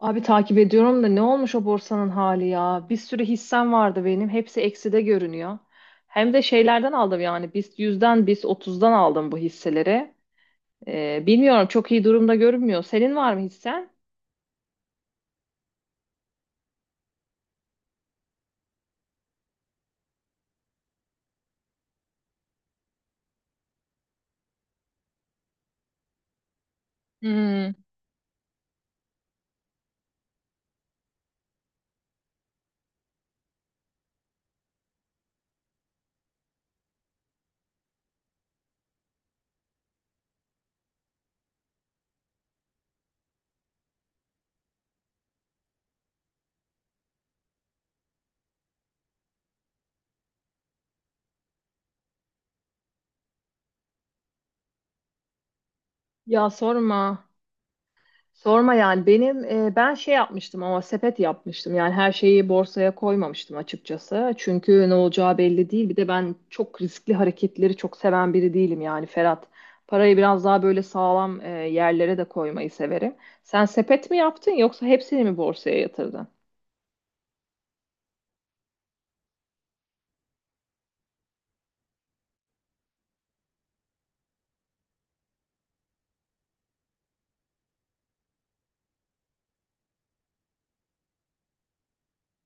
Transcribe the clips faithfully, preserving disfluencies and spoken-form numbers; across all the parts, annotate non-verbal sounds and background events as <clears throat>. Abi takip ediyorum da ne olmuş o borsanın hali ya? Bir sürü hissem vardı benim. Hepsi ekside görünüyor. Hem de şeylerden aldım yani. Biz yüzden, biz otuzdan aldım bu hisseleri. Ee, bilmiyorum, çok iyi durumda görünmüyor. Senin var mı hissen? Hmm. Ya, sorma. Sorma yani benim e, ben şey yapmıştım ama sepet yapmıştım, yani her şeyi borsaya koymamıştım açıkçası, çünkü ne olacağı belli değil. Bir de ben çok riskli hareketleri çok seven biri değilim yani, Ferhat, parayı biraz daha böyle sağlam e, yerlere de koymayı severim. Sen sepet mi yaptın yoksa hepsini mi borsaya yatırdın?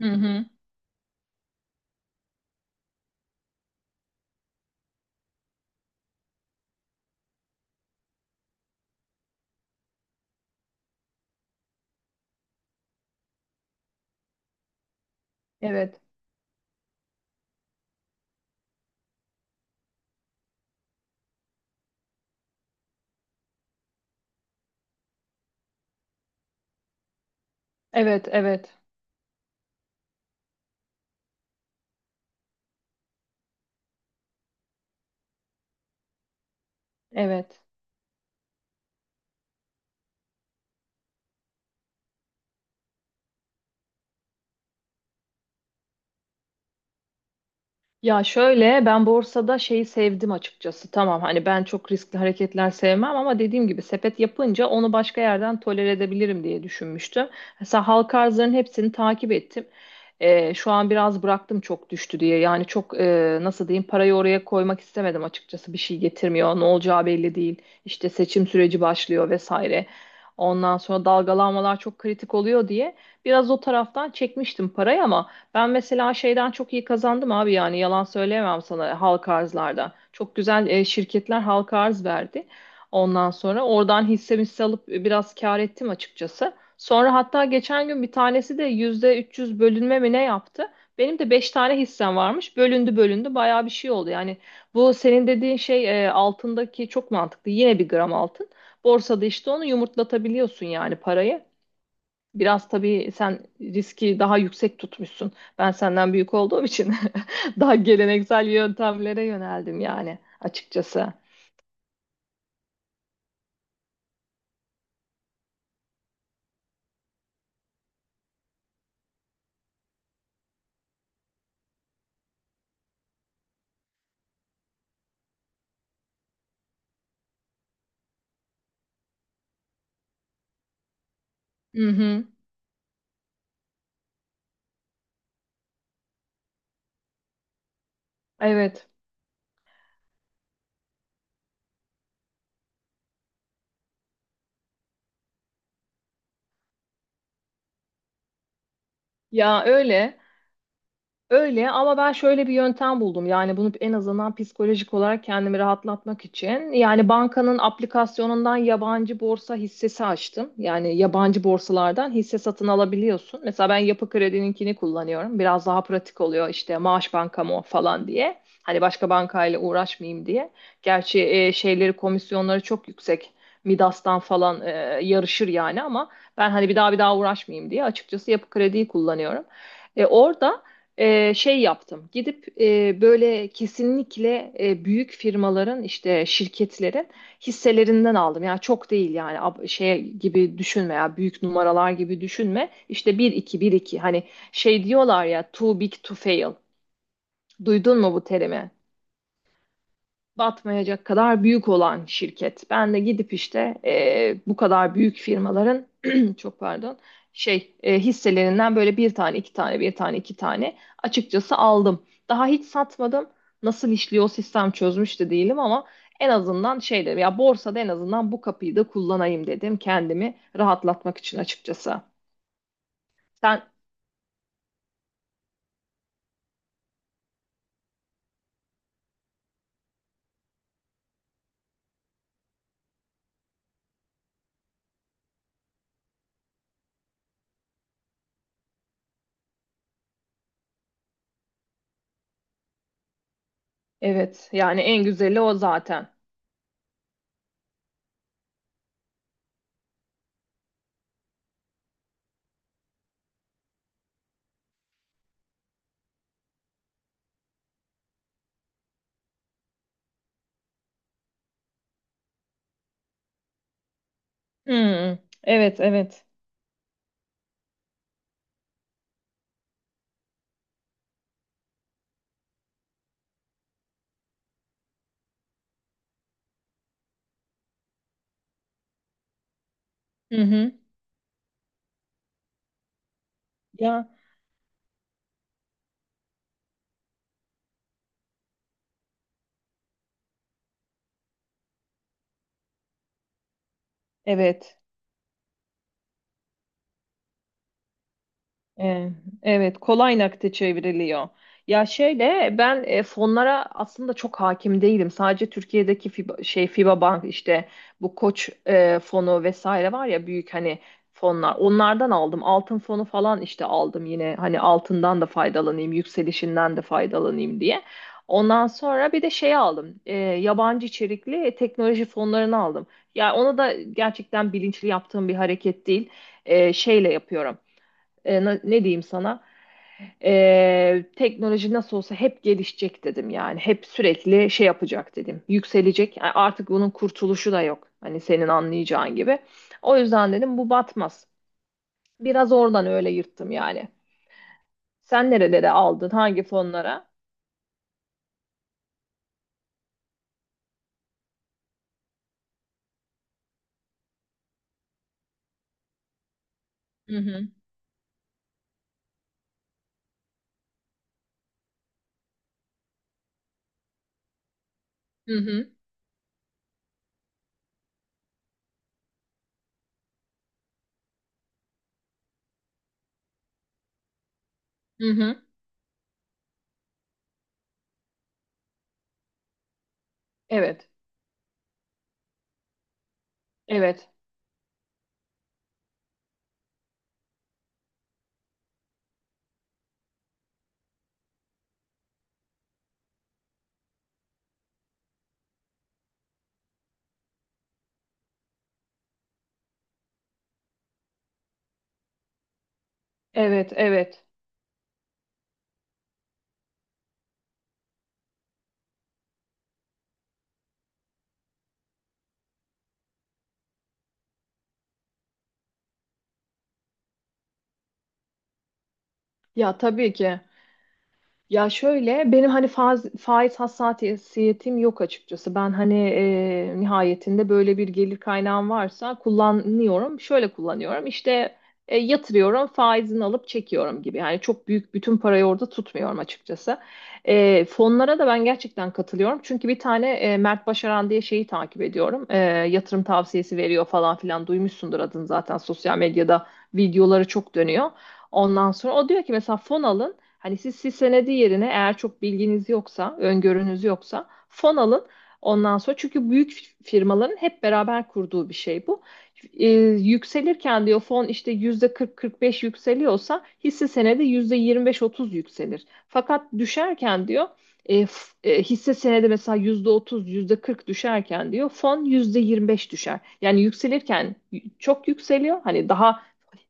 Hı hı. Evet. Evet, evet, evet, evet. Ya şöyle, ben borsada şeyi sevdim açıkçası. Tamam, hani ben çok riskli hareketler sevmem ama dediğim gibi sepet yapınca onu başka yerden tolere edebilirim diye düşünmüştüm. Mesela halka arzların hepsini takip ettim. Ee, şu an biraz bıraktım, çok düştü diye. Yani çok, e, nasıl diyeyim, parayı oraya koymak istemedim açıkçası. Bir şey getirmiyor. Ne olacağı belli değil. İşte seçim süreci başlıyor vesaire. Ondan sonra dalgalanmalar çok kritik oluyor diye biraz o taraftan çekmiştim parayı, ama ben mesela şeyden çok iyi kazandım abi, yani yalan söyleyemem sana, halka arzlarda. Çok güzel e, şirketler halka arz verdi. Ondan sonra oradan hisse hisse alıp e, biraz kâr ettim açıkçası. Sonra hatta geçen gün bir tanesi de yüzde üç yüz bölünme mi ne yaptı? Benim de beş tane hissem varmış. Bölündü bölündü, bayağı bir şey oldu. Yani bu senin dediğin şey, e, altındaki çok mantıklı. Yine bir gram altın. Borsada işte onu yumurtlatabiliyorsun, yani parayı. Biraz tabii sen riski daha yüksek tutmuşsun. Ben senden büyük olduğum için <laughs> daha geleneksel yöntemlere yöneldim yani, açıkçası. Hı hı. Evet. Ya öyle. Öyle ama ben şöyle bir yöntem buldum. Yani bunu en azından psikolojik olarak kendimi rahatlatmak için. Yani bankanın aplikasyonundan yabancı borsa hissesi açtım. Yani yabancı borsalardan hisse satın alabiliyorsun. Mesela ben Yapı Kredi'ninkini kullanıyorum. Biraz daha pratik oluyor, işte maaş bankam o falan diye. Hani başka bankayla uğraşmayayım diye. Gerçi e, şeyleri, komisyonları çok yüksek. Midas'tan falan e, yarışır yani, ama ben hani bir daha bir daha uğraşmayayım diye, açıkçası, Yapı Kredi'yi kullanıyorum. E, orada e, şey yaptım. Gidip e, böyle kesinlikle e, büyük firmaların, işte şirketlerin hisselerinden aldım. Yani çok değil yani, ab- şey gibi düşünme ya, büyük numaralar gibi düşünme. İşte bir iki, bir iki hani, şey diyorlar ya, too big to fail. Duydun mu bu terimi? Batmayacak kadar büyük olan şirket. Ben de gidip işte, e, bu kadar büyük firmaların <clears throat> çok pardon, şey, e, hisselerinden böyle bir tane, iki tane, bir tane, iki tane, açıkçası aldım. Daha hiç satmadım. Nasıl işliyor o sistem, çözmüş de değilim, ama en azından şey dedim ya, borsada en azından bu kapıyı da kullanayım dedim, kendimi rahatlatmak için açıkçası. Sen evet, yani en güzeli o zaten. Hmm, evet evet. Hı hı. Ya evet. E, evet, kolay nakite çevriliyor. Ya şöyle, ben e, fonlara aslında çok hakim değilim. Sadece Türkiye'deki FIBA, şey, FIBA Bank, işte bu Koç e, fonu vesaire var ya, büyük hani fonlar. Onlardan aldım. Altın fonu falan işte aldım, yine hani altından da faydalanayım, yükselişinden de faydalanayım diye. Ondan sonra bir de şey aldım. E, yabancı içerikli teknoloji fonlarını aldım. Ya onu da gerçekten bilinçli yaptığım bir hareket değil. E, şeyle yapıyorum, e, na- ne diyeyim sana, e, teknoloji nasıl olsa hep gelişecek dedim yani, hep sürekli şey yapacak dedim, yükselecek. Yani artık bunun kurtuluşu da yok, hani, senin anlayacağın gibi. O yüzden dedim bu batmaz, biraz oradan öyle yırttım yani. Sen nerelere aldın, hangi fonlara? Hı hı, hı hı, hı hı. Evet, evet, evet, evet. Ya, tabii ki. Ya şöyle, benim hani faz, faiz hassasiyetim yok açıkçası. Ben hani, e, nihayetinde böyle bir gelir kaynağım varsa kullanıyorum. Şöyle kullanıyorum işte, e, yatırıyorum, faizini alıp çekiyorum gibi. Yani çok büyük bütün parayı orada tutmuyorum açıkçası. E, fonlara da ben gerçekten katılıyorum. Çünkü bir tane, e, Mert Başaran diye şeyi takip ediyorum. E, yatırım tavsiyesi veriyor falan filan, duymuşsundur adını zaten, sosyal medyada videoları çok dönüyor. Ondan sonra o diyor ki, mesela fon alın. Hani siz hisse senedi yerine, eğer çok bilginiz yoksa, öngörünüz yoksa, fon alın. Ondan sonra, çünkü büyük firmaların hep beraber kurduğu bir şey bu. Ee, Yükselirken diyor fon işte yüzde kırk kırk beş yükseliyorsa, hisse senedi yüzde yirmi beş otuz yükselir. Fakat düşerken diyor e, f- e, hisse senedi mesela yüzde otuz yüzde kırk düşerken, diyor, fon yüzde yirmi beş düşer. Yani yükselirken y- çok yükseliyor. Hani daha,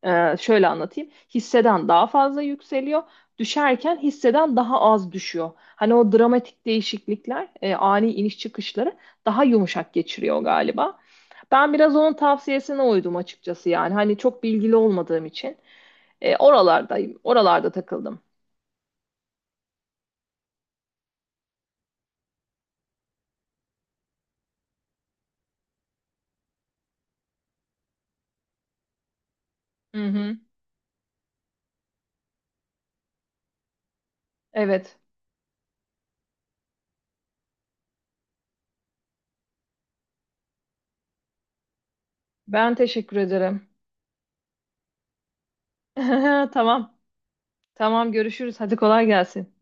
e, şöyle anlatayım, hisseden daha fazla yükseliyor, düşerken hisseden daha az düşüyor. Hani o dramatik değişiklikler, e, ani iniş çıkışları daha yumuşak geçiriyor galiba. Ben biraz onun tavsiyesine uydum açıkçası yani. Hani çok bilgili olmadığım için e, oralardayım. Oralarda takıldım. Hı hı. Evet. Ben teşekkür ederim. <laughs> Tamam. Tamam, görüşürüz. Hadi kolay gelsin.